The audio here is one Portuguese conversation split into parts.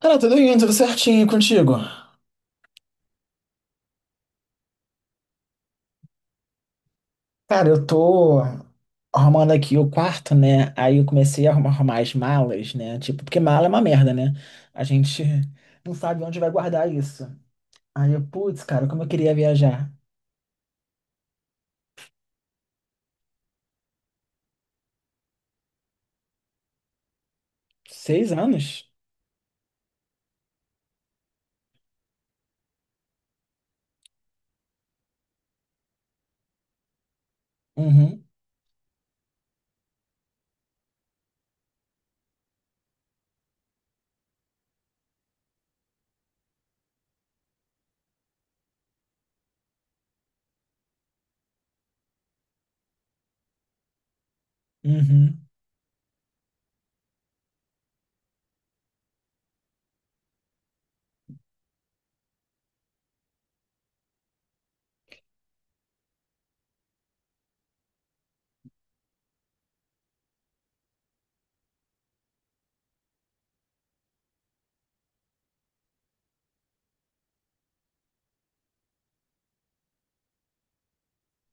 Cara, tudo indo, tudo certinho contigo. Cara, eu tô arrumando aqui o quarto, né? Aí eu comecei a arrumar as malas, né? Tipo, porque mala é uma merda, né? A gente não sabe onde vai guardar isso. Aí eu, putz, cara, como eu queria viajar. 6 anos? Uhum, uhum.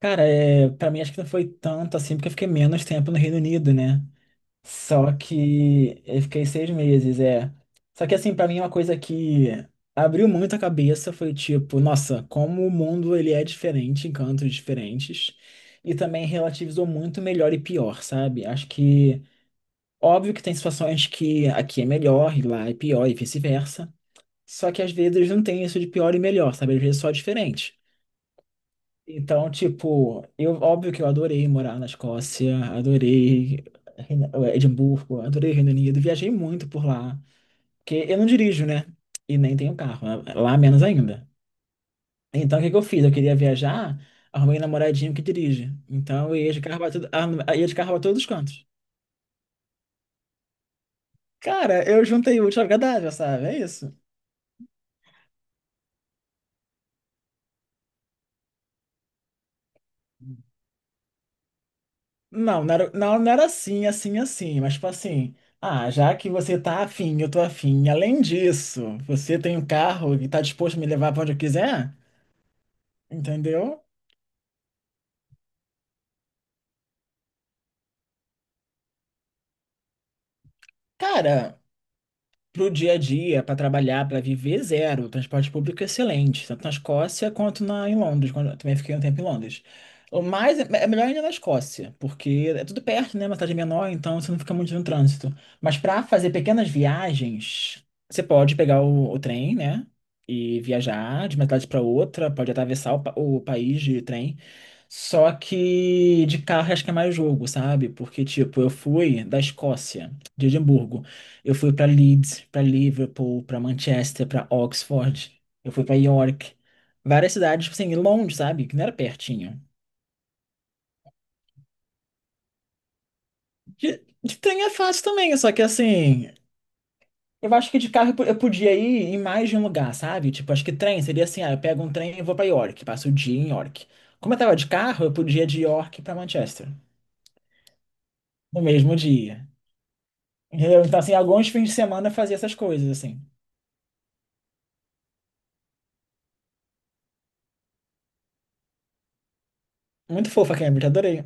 Cara, é, pra mim acho que não foi tanto assim, porque eu fiquei menos tempo no Reino Unido, né? Só que eu fiquei 6 meses, é. Só que assim, pra mim é uma coisa que abriu muito a cabeça foi tipo, nossa, como o mundo ele é diferente em cantos diferentes e também relativizou muito melhor e pior, sabe? Acho que óbvio que tem situações que aqui é melhor e lá é pior e vice-versa. Só que às vezes não tem isso de pior e melhor, sabe? Às vezes só é diferente. Então, tipo, eu óbvio que eu adorei morar na Escócia, adorei Edimburgo, adorei Reino Unido, viajei muito por lá, porque eu não dirijo, né? E nem tenho carro, né? Lá menos ainda. Então, o que que eu fiz? Eu queria viajar, arrumei um namoradinho que dirige. Então, eu ia de carro pra tudo, ah, eu ia de carro pra todos os cantos. Cara, eu juntei o útil ao agradável, sabe? É isso. Não, não era assim, mas tipo assim, ah, já que você tá afim, eu tô afim, além disso, você tem um carro e tá disposto a me levar pra onde eu quiser, entendeu? Cara, para o dia a dia, para trabalhar, para viver, zero. O transporte público é excelente, tanto na Escócia quanto na, em Londres, quando eu também fiquei um tempo em Londres. O mais é melhor ainda na Escócia, porque é tudo perto, né? Uma cidade menor, então você não fica muito no trânsito. Mas para fazer pequenas viagens, você pode pegar o trem, né? E viajar de uma cidade para outra, pode atravessar o país de trem. Só que de carro acho que é mais jogo, sabe? Porque, tipo, eu fui da Escócia, de Edimburgo. Eu fui pra Leeds, pra Liverpool, pra Manchester, pra Oxford. Eu fui pra York. Várias cidades, tipo assim, longe, sabe? Que não era pertinho. De trem é fácil também, só que assim. Eu acho que de carro eu podia ir em mais de um lugar, sabe? Tipo, acho que trem seria assim: ah, eu pego um trem e vou pra York, passo o dia em York. Como eu tava de carro, eu podia ir de York pra Manchester, no mesmo dia. Entendeu? Então, assim, alguns fins de semana eu fazia essas coisas, assim. Muito fofa, Cambridge, adorei.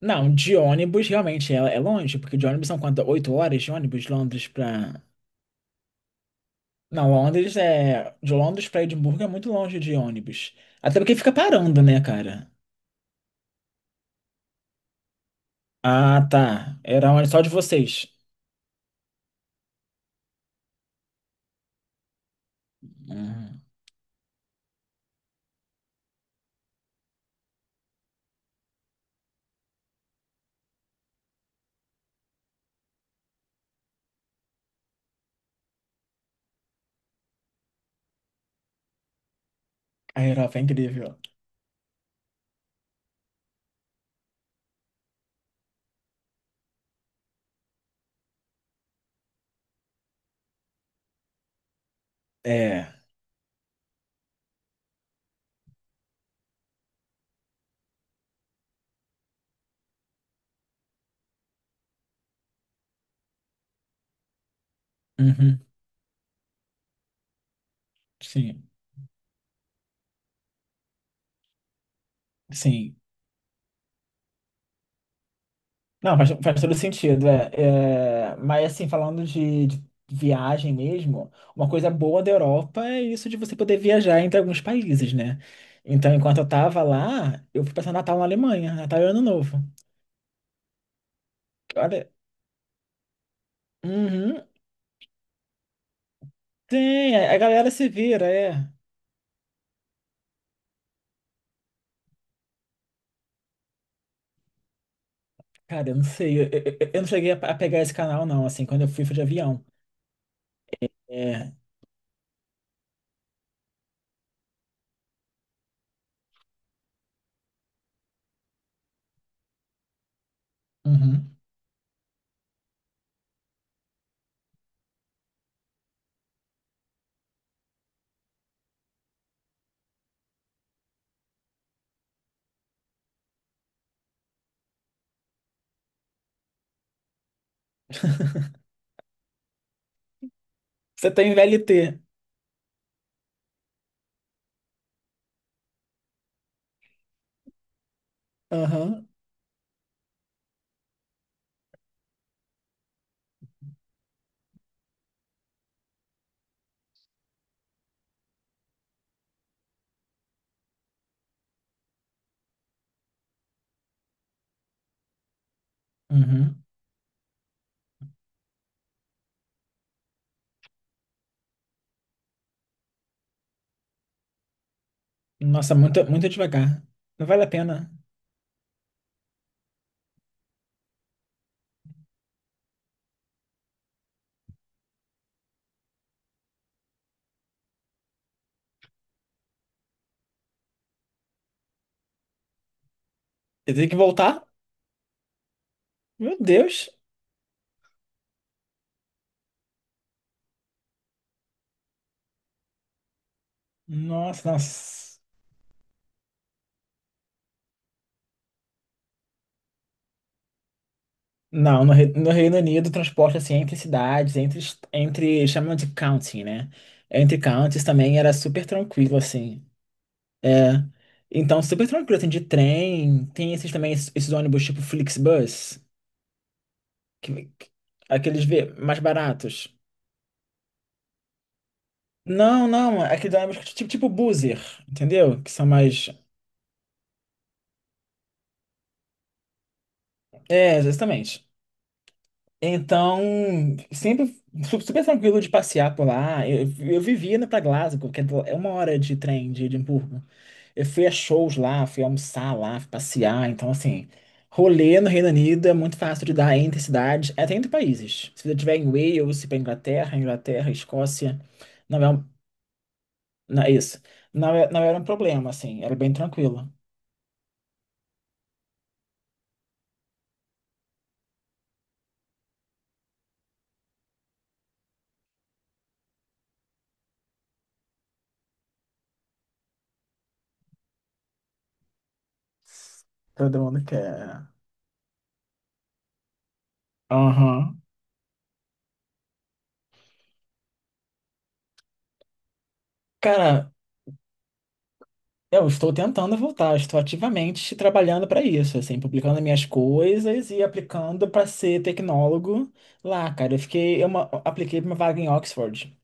Não, de ônibus, realmente, é longe, porque de ônibus são quanto? 8 horas de ônibus, de Londres pra... Não, Londres é... De Londres pra Edimburgo é muito longe de ônibus. Até porque fica parando, né, cara? Ah, tá. Era ônibus só de vocês. Uhum. A Europa é incrível. É. Uhum. Sim. Sim. Não, faz todo sentido, é. É, mas assim, falando de viagem mesmo, uma coisa boa da Europa é isso de você poder viajar entre alguns países, né? Então, enquanto eu tava lá, eu fui passar Natal na Alemanha, Natal e Ano Novo. Olha, uhum, tem, a galera se vira, é. Cara, eu não sei, eu não cheguei a pegar esse canal não, assim, quando eu fui, foi de avião. É, uhum. Você tem VLT. Aham, uhum. Nossa, muito, muito devagar. Não vale a pena. Eu tenho que voltar? Meu Deus. Nossa, nossa. Não, no, no Reino Unido, o transporte assim entre cidades, entre, entre chamam de county, né? Entre counties também era super tranquilo, assim. É. Então, super tranquilo, assim, de trem. Tem esses também, esses ônibus tipo Flixbus, que, que- aqueles mais baratos. Não, não, aqueles ônibus tipo Buzzer, entendeu? Que são mais. É, exatamente. Então, sempre super tranquilo de passear por lá. Eu vivia indo pra Glasgow, que é 1 hora de trem de Edimburgo. Eu fui a shows lá, fui almoçar lá, fui passear. Então, assim, rolê no Reino Unido é muito fácil de dar entre cidades, até entre países. Se você estiver em Wales, se para Inglaterra, Escócia, não é um, não, é isso. Não, não era um problema, assim, era bem tranquilo. Todo mundo quer. Aham. Cara, eu estou tentando voltar, estou ativamente trabalhando para isso, assim, publicando minhas coisas e aplicando para ser tecnólogo lá, cara. Eu fiquei, apliquei para uma vaga em Oxford.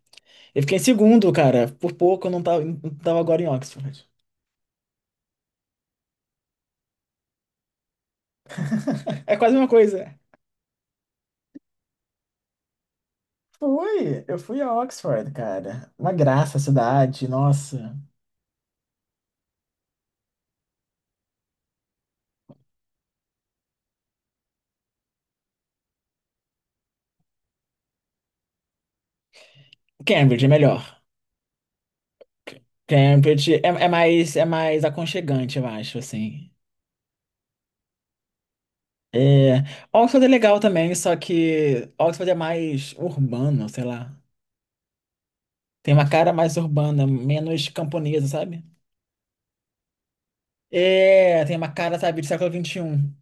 Eu fiquei em segundo, cara. Por pouco eu não tava agora em Oxford. É quase uma coisa. Fui, eu fui a Oxford, cara. Uma graça a cidade, nossa. Cambridge é melhor. Cambridge é, é mais aconchegante, eu acho, assim. É, Oxford é legal também, só que Oxford é mais urbano, sei lá. Tem uma cara mais urbana, menos camponesa, sabe? É, tem uma cara, sabe, de século XXI.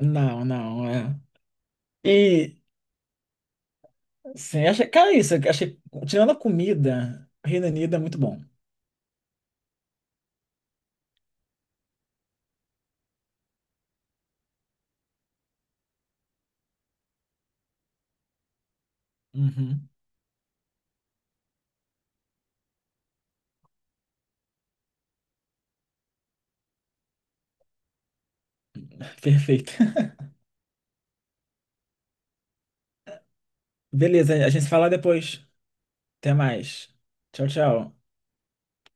Não, não, é. E, sim, achei, cara, é isso, achei, tirando a comida, Reino Unido é muito bom. Uhum, perfeito. Beleza, a gente se fala depois. Até mais. Tchau, tchau.